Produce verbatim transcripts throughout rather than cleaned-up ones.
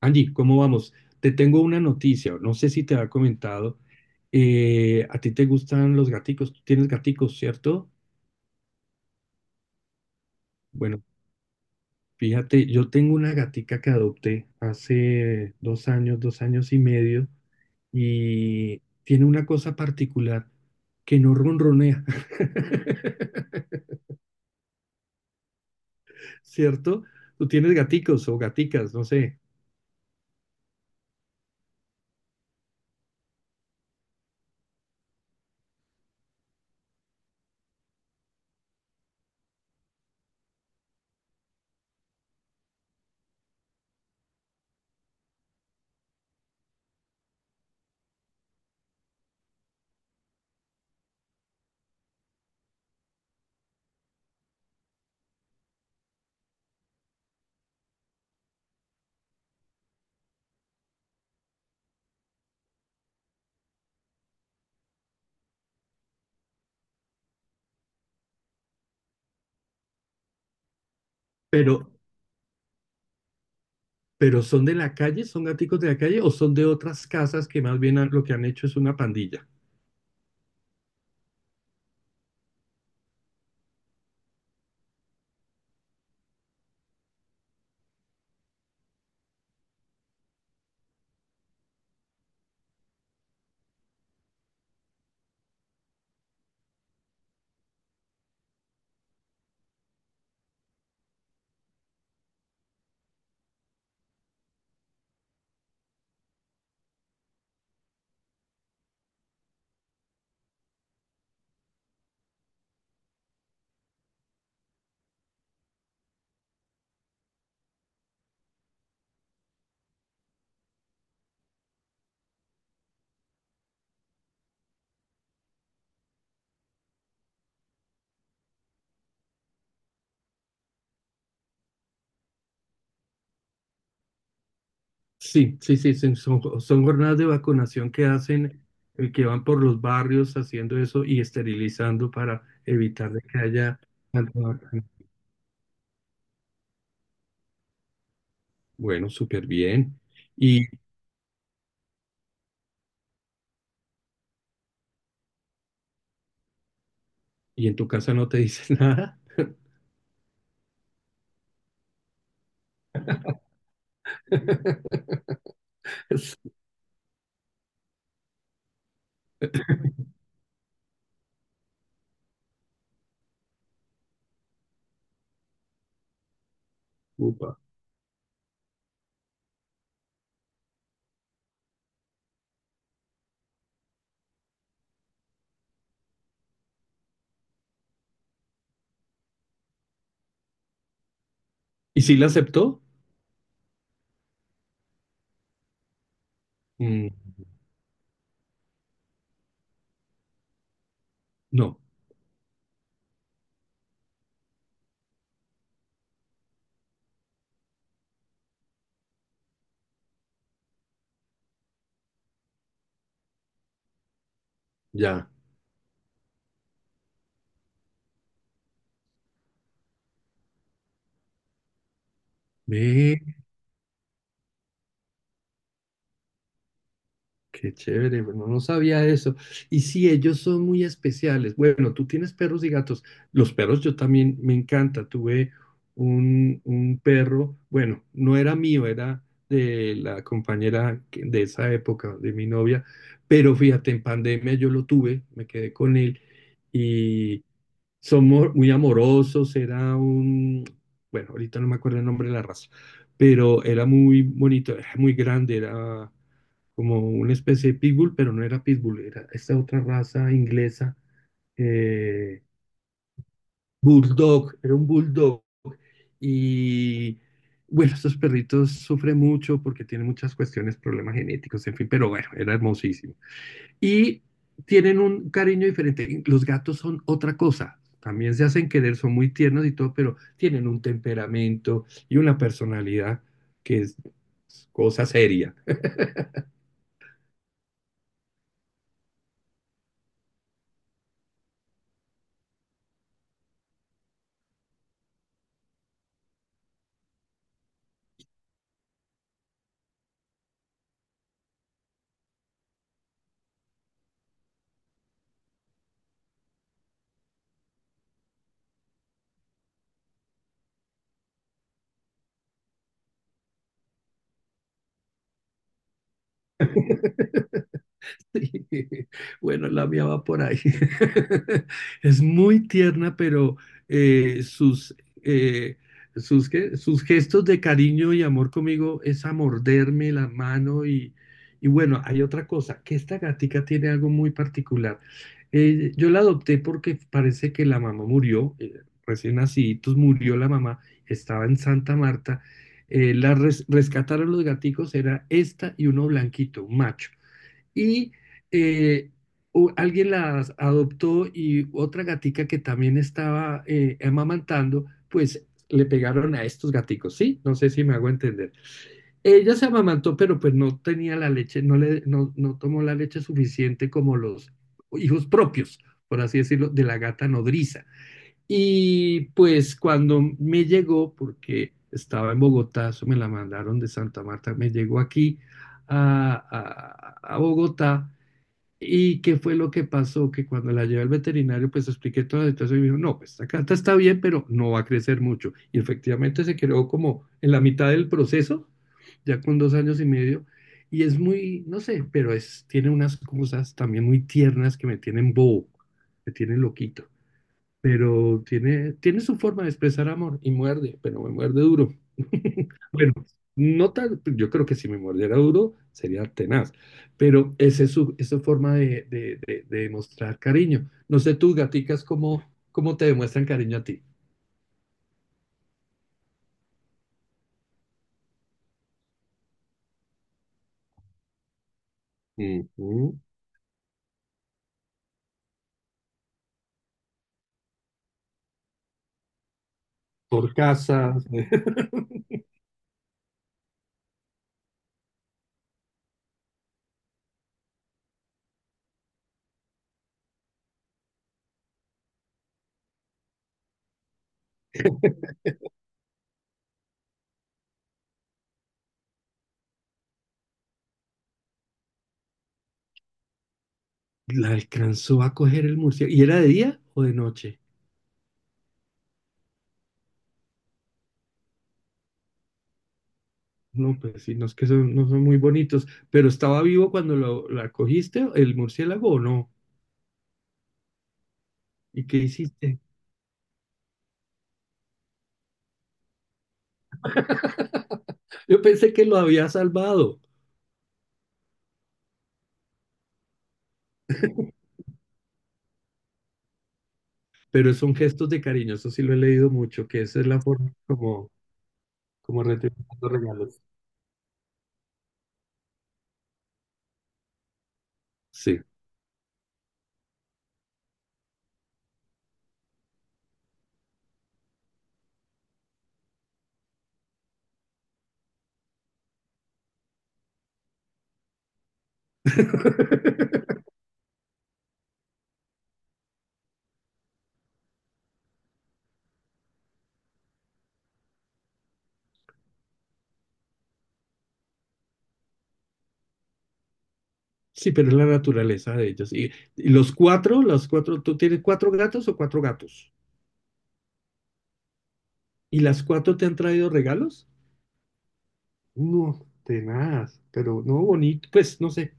Angie, ¿cómo vamos? Te tengo una noticia, no sé si te había comentado. Eh, ¿a ti te gustan los gaticos? Tú tienes gaticos, ¿cierto? Bueno, fíjate, yo tengo una gatica que adopté hace dos años, dos años y medio, y tiene una cosa particular, que no ronronea. ¿Cierto? Tú tienes gaticos o gaticas, no sé, pero, pero ¿son de la calle? ¿Son gaticos de la calle o son de otras casas que más bien han- lo que han hecho es una pandilla? Sí, sí, sí, son, son- son jornadas de vacunación que hacen, eh, que van por los barrios haciendo eso y esterilizando para evitar de que haya tanta vacuna. Bueno, súper bien. ¿Y, y en tu casa no te dice nada? Upa. ¿Y si la aceptó? Mm, no, ya. Ve, qué chévere, bueno, no sabía eso. Y sí, ellos son muy especiales. Bueno, tú tienes perros y gatos. Los perros yo también me encanta. Tuve un, un perro, bueno, no era mío, era de la compañera que- de esa época, de mi novia, pero fíjate, en pandemia yo lo tuve, me quedé con él y somos muy amorosos. Era un, bueno, ahorita no me acuerdo el nombre de la raza, pero era muy bonito, era muy grande, era como una especie de pitbull, pero no era pitbull, era esta otra raza inglesa, eh, bulldog, era un bulldog. Y bueno, estos perritos sufren mucho porque tienen muchas cuestiones, problemas genéticos, en fin, pero bueno, era hermosísimo. Y tienen un cariño diferente. Los gatos son otra cosa. También se hacen querer, son muy tiernos y todo, pero tienen un temperamento y una personalidad que es cosa seria. Bueno, la mía va por ahí. Es muy tierna, pero eh, sus, eh, sus, ¿qué? Sus gestos de cariño y amor conmigo es a morderme la mano y, y bueno, hay otra cosa, que esta gatica tiene algo muy particular. Eh, yo la adopté porque parece que la mamá murió, eh, recién naciditos murió la mamá, estaba en Santa Marta. Eh, la res- rescataron los gaticos, era esta y uno blanquito, un macho y eh, u- alguien las adoptó y otra gatica que también estaba eh, amamantando, pues le pegaron a estos gaticos, ¿sí? No sé si me hago entender. Ella se amamantó, pero pues no tenía la leche, no le, no, no tomó la leche suficiente como los hijos propios, por así decirlo, de la gata nodriza. Y pues cuando me llegó, porque estaba en Bogotá, eso me la mandaron de Santa Marta, me llegó aquí a, a a Bogotá. ¿Y qué fue lo que pasó? Que cuando la llevé al veterinario, pues expliqué toda la situación y me dijo, no, pues esta carta está bien, pero no va a crecer mucho. Y efectivamente se quedó como en la mitad del proceso, ya con dos años y medio. Y es muy, no sé, pero es, tiene unas cosas también muy tiernas que me tienen bobo, me tienen loquito, pero tiene, tiene su forma de expresar amor y muerde, pero me muerde duro. Bueno, no tal, yo creo que si me mordiera duro sería tenaz, pero esa es su, es su forma de, de, de- de demostrar cariño. No sé, tus gaticas, ¿cómo, cómo te demuestran cariño a ti? Ujú. Por casa. La alcanzó a coger el murciélago. ¿Y era de día o de noche? No, pues sí, no es que son, no son muy bonitos, pero ¿estaba vivo cuando lo, la cogiste, el murciélago o no? ¿Y qué hiciste? Yo pensé que lo había salvado, pero son gestos de cariño, eso sí lo he leído mucho, que esa es la forma como, como retribuyendo regalos. Sí. Sí, pero es la naturaleza de ellos. Y, y los cuatro, los cuatro, ¿tú tienes cuatro gatos o cuatro gatos? ¿Y las cuatro te han traído regalos? No, tenaz, pero no bonito, pues no sé.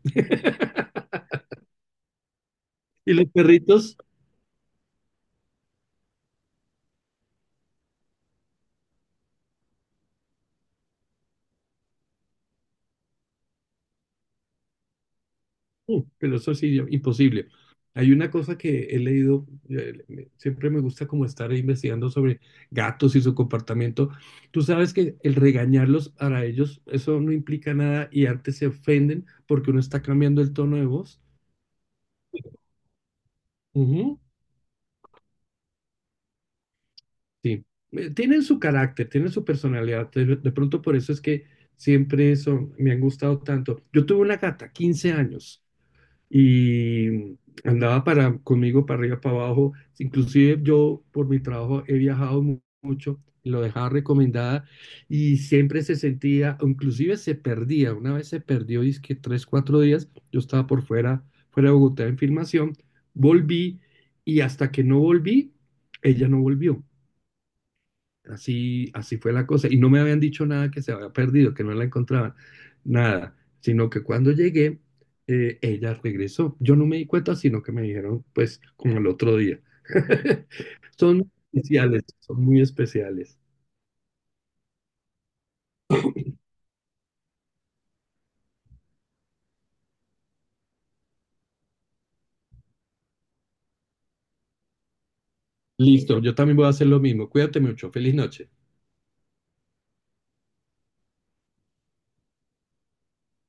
¿Y los perritos? Uh, pero eso sí, imposible. Hay una cosa que he leído, eh, me- siempre me gusta como estar investigando sobre gatos y su comportamiento. Tú sabes que el regañarlos para ellos, eso no implica nada y antes se ofenden porque uno está cambiando el tono de voz. Ujú. Sí. Eh, tienen su carácter, tienen su personalidad. De, de pronto por eso es que siempre eso me han gustado tanto. Yo tuve una gata, quince años. Y andaba para, conmigo para arriba, para abajo. Inclusive yo por mi trabajo he viajado, mu- lo dejaba recomendada y siempre se sentía, o inclusive se perdía. Una vez se perdió, dizque tres, cuatro días, yo estaba por fuera, fuera de Bogotá en filmación, volví y hasta que no volví, ella no volvió. Así, así fue la cosa. Y no me habían dicho nada que se había perdido, que no la encontraban, nada. Sino que cuando llegué, eh, ella regresó. Yo no me di cuenta, sino que me dijeron, pues, como el otro día. Son especiales, son muy especiales. Listo, yo también voy a hacer lo mismo. Cuídate mucho. Feliz noche.